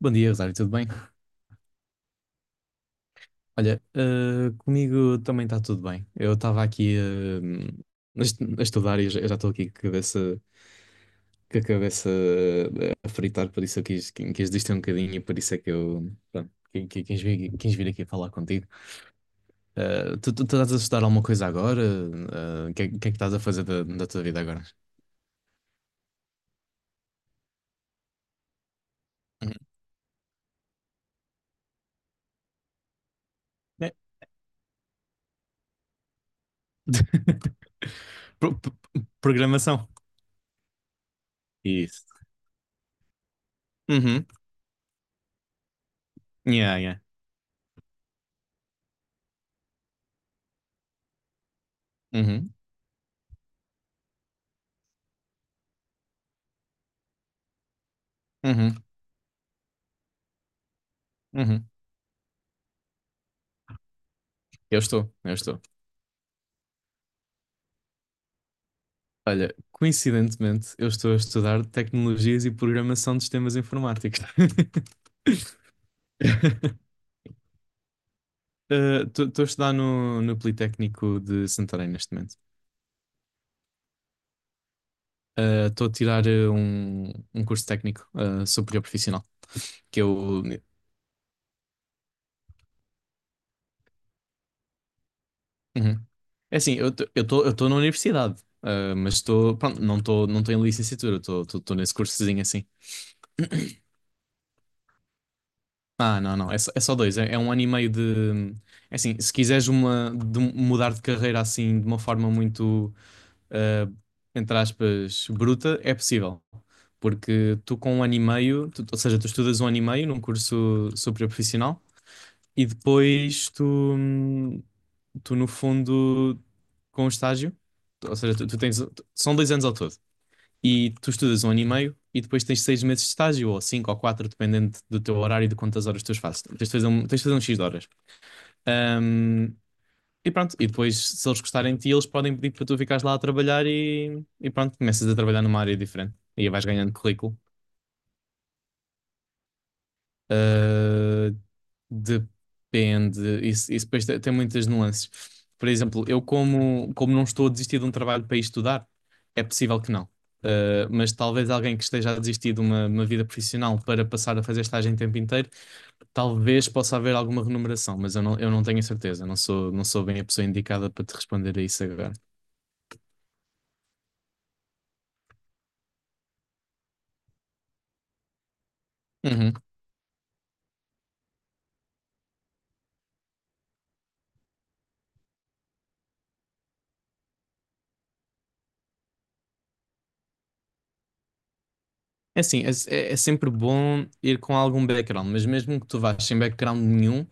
Bom dia, Rosário, tudo bem? Olha, comigo também está tudo bem. Eu estava aqui a estudar e eu já estou aqui com a cabeça, com a cabeça, a fritar, por isso eu quis distrair um bocadinho e por isso é que eu, pronto, quis vir aqui falar contigo. Tu estás a estudar alguma coisa agora? O que é que estás a fazer da tua vida agora? Uhum. É. Pro- pro- Programação. Isso. Uhum. Yeah, yeah. Uhum. Uhum. Uhum. Eu estou, eu estou. Olha, coincidentemente, eu estou a estudar tecnologias e programação de sistemas informáticos. Estou a estudar no Politécnico de Santarém neste momento. Estou a tirar um curso técnico superior profissional, que eu... Uhum. É assim, eu estou na universidade, mas estou... Pronto, não tô em licenciatura, estou nesse cursozinho assim. Ah, não, não, é só dois, é um ano e meio de... É assim, se quiseres de mudar de carreira assim de uma forma muito ah, entre aspas, bruta, é possível. Porque tu com um ano e meio, ou seja, tu estudas um ano e meio num curso superior profissional e depois hum, tu no fundo, com o estágio, ou seja, são 2 anos ao todo e tu estudas um ano e meio e depois tens 6 meses de estágio ou cinco ou quatro, dependendo do teu horário e de quantas horas tu fazes. Tens de fazer um X de horas. Hum, e pronto, e depois, se eles gostarem de ti, eles podem pedir para tu ficares lá a trabalhar e pronto, começas a trabalhar numa área diferente e aí vais ganhando currículo. Ah, depende, isso depois tem muitas nuances. Por exemplo, eu, como não estou a desistir de um trabalho para ir estudar, é possível que não. Ah, mas talvez alguém que esteja a desistir de uma vida profissional para passar a fazer estágio em tempo inteiro, talvez possa haver alguma remuneração, mas eu não tenho a certeza, não sou bem a pessoa indicada para te responder a isso agora. Uhum. É assim, é sempre bom ir com algum background, mas mesmo que tu vás sem background nenhum,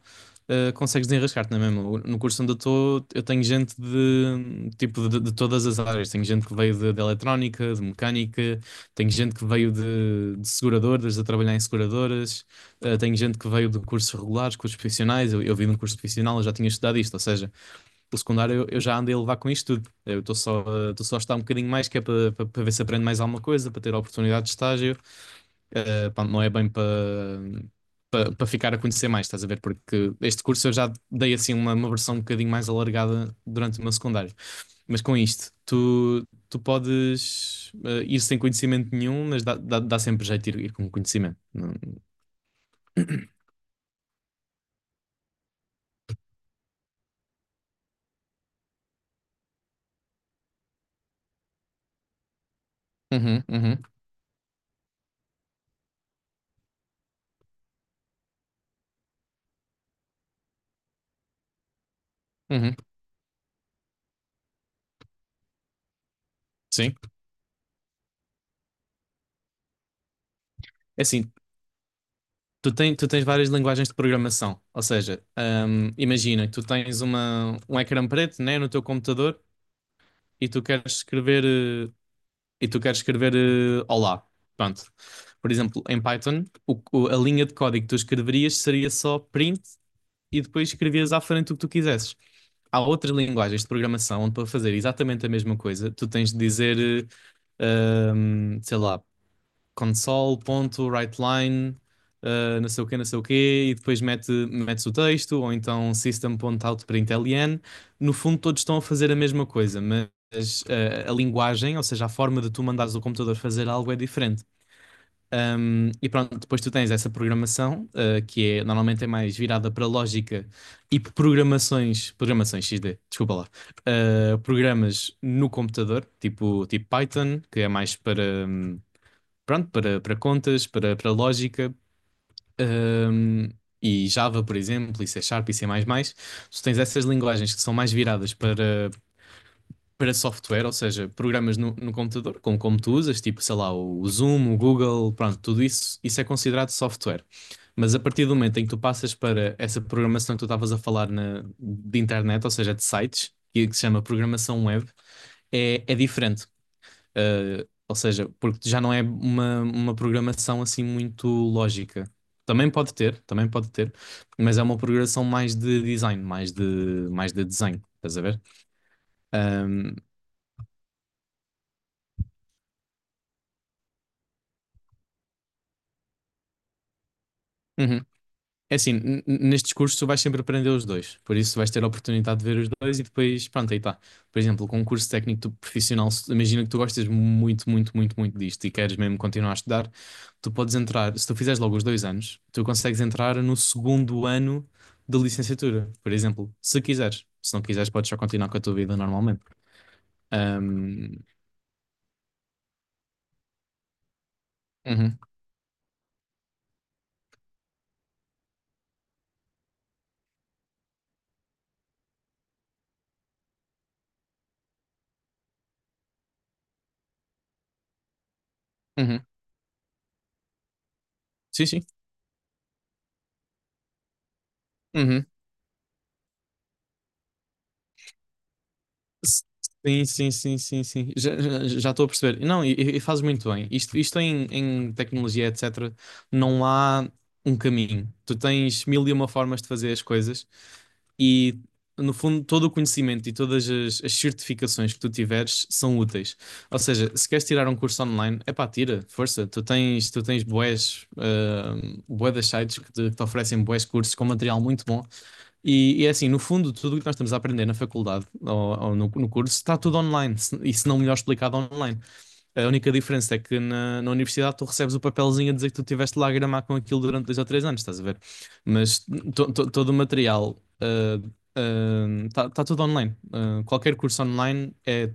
consegues desenrascar-te na mesma. No curso onde eu estou, eu tenho gente de tipo de, todas as áreas. Tenho gente que veio de, eletrónica, de mecânica, tenho gente que veio de seguradoras, a trabalhar em seguradoras, tenho gente que veio de cursos regulares, cursos profissionais. Eu vim de um curso profissional, eu já tinha estudado isto, ou seja, pelo secundário eu já andei a levar com isto tudo. Eu estou só a estar um bocadinho mais, que é para para ver se aprendo mais alguma coisa, para ter a oportunidade de estágio. Pá, não é bem para para ficar a conhecer mais, estás a ver? Porque este curso eu já dei assim uma versão um bocadinho mais alargada durante o meu secundário. Mas com isto, tu podes ir sem conhecimento nenhum, mas dá sempre jeito ir com conhecimento. Uhum, uhum, uhum. Sim. É assim, tu tens várias linguagens de programação, ou seja, imagina que tu tens um ecrã preto, né, no teu computador e tu queres escrever eh, e tu queres escrever eh, olá, pronto. Por exemplo, em Python, a linha de código que tu escreverias seria só print e depois escrevias à frente o que tu quisesses. Há outras linguagens de programação onde para fazer exatamente a mesma coisa, tu tens de dizer, sei lá console.writeline, não sei o quê, não sei o quê, e depois metes o texto, ou então system.out.println. No fundo, todos estão a fazer a mesma coisa, mas a linguagem, ou seja, a forma de tu mandares o computador fazer algo é diferente. E pronto, depois tu tens essa programação, normalmente é mais virada para lógica e programações XD, desculpa lá, programas no computador, tipo, Python, que é mais para, um, pronto, para, para, contas, para lógica, hum, e Java, por exemplo, e C Sharp e C++, tu tens essas linguagens que são mais viradas para, para software, ou seja, programas no computador, como tu usas, tipo, sei lá, o Zoom, o Google, pronto, tudo isso, isso é considerado software. Mas a partir do momento em que tu passas para essa programação que tu estavas a falar de internet, ou seja, de sites, que se chama programação web, é diferente. Ou seja, porque já não é uma programação assim muito lógica. Também pode ter, mas é uma programação mais de design, mais de desenho, estás a ver? Um, uhum. É assim, nestes cursos tu vais sempre aprender os dois, por isso vais ter a oportunidade de ver os dois e depois, pronto, aí está. Por exemplo, com um curso técnico profissional, imagina que tu gostas muito, muito, muito, muito disto e queres mesmo continuar a estudar, tu podes entrar, se tu fizeres logo os 2 anos, tu consegues entrar no segundo ano da licenciatura, por exemplo, se quiseres. Se não quiseres, podes só continuar com a tua vida normalmente. Ahm, uhum, uhum. Sim, sim. Uhum. Sim, sim, sim, sim, sim. Já, já, já estou a perceber. Não, e fazes muito bem. Isto em tecnologia, etc., não há um caminho. Tu tens mil e uma formas de fazer as coisas e, no fundo, todo o conhecimento e todas as certificações que tu tiveres são úteis. Ou seja, se queres tirar um curso online, epá, tira, força. Tu tens bués, bué das sites que te, oferecem bués cursos com material muito bom e é assim, no fundo, tudo o que nós estamos a aprender na faculdade ou no curso está tudo online, e se não melhor explicado online. A única diferença é que na universidade tu recebes o papelzinho a dizer que tu estiveste lá a gramar com aquilo durante 2 ou 3 anos, estás a ver? Mas todo o material está tudo online. Ah, qualquer curso online é,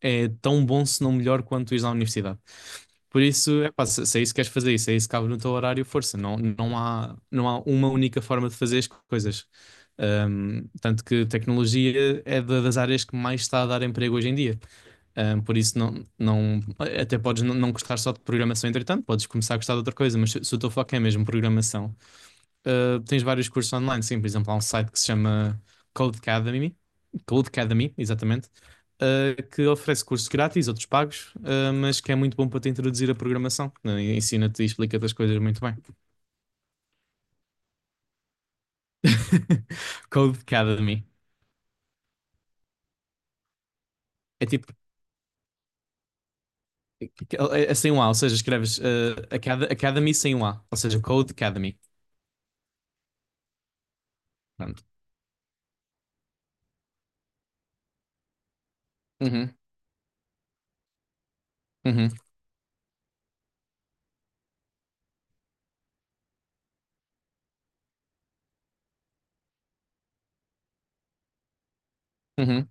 é, é tão bom, se não melhor, quanto ires à universidade. Por isso, epá, se é isso que queres fazer, isso é isso que cabe no teu horário, força. Não, não há uma única forma de fazer as coisas. Tanto que tecnologia é das áreas que mais está a dar emprego hoje em dia. Por isso, não, não, até podes não gostar só de programação, entretanto, podes começar a gostar de outra coisa, mas se o teu foco é mesmo programação, tens vários cursos online. Sim, por exemplo, há um site que se chama Codecademy, Codecademy, exatamente, que oferece cursos grátis, outros pagos, mas que é muito bom para te introduzir a programação. Ensina-te e explica-te as coisas muito bem. Codecademy. É tipo É, é sem um A, ou seja, escreves Academy sem um A, ou seja, Code Academy. Pronto. Uhum, uhum, uhum,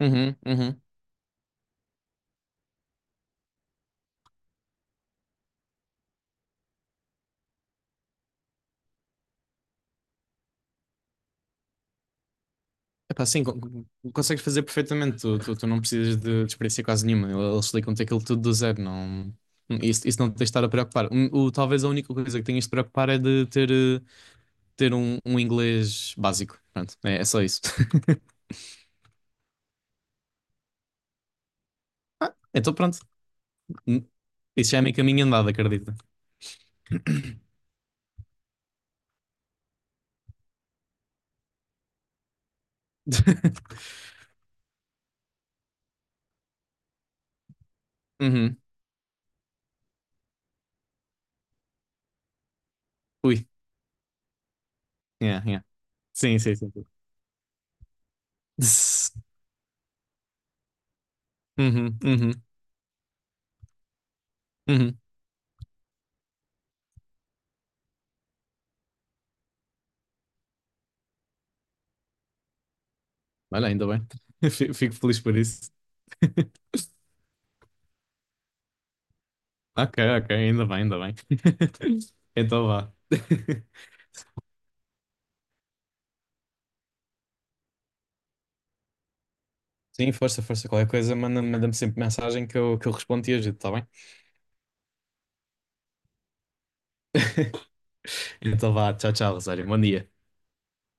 uhum, uhum. Epá, sim, consegues fazer perfeitamente, tu não precisas de, experiência quase nenhuma, eles explicam-te aquilo tudo do zero, não... Isso não te tens de estar a preocupar. Talvez a única coisa que tenhas de preocupar é de ter, ter um inglês básico. Pronto, é só isso. Ah, então pronto. hum, Isso já é meio caminho andado, acredita. Uhum. Ui, yeah, yeah. Sim, sim, sim. Sim. Zzz. Uhum, uhum, uhum. Olha, ainda bem. Fico feliz por isso. Ok, ok, ainda bem, ainda bem. Então vá. Sim, força, força. Qualquer coisa, manda-me sempre mensagem que eu respondo e ajudo, tá bem? Então vá, tchau, tchau, Rosário. Bom dia.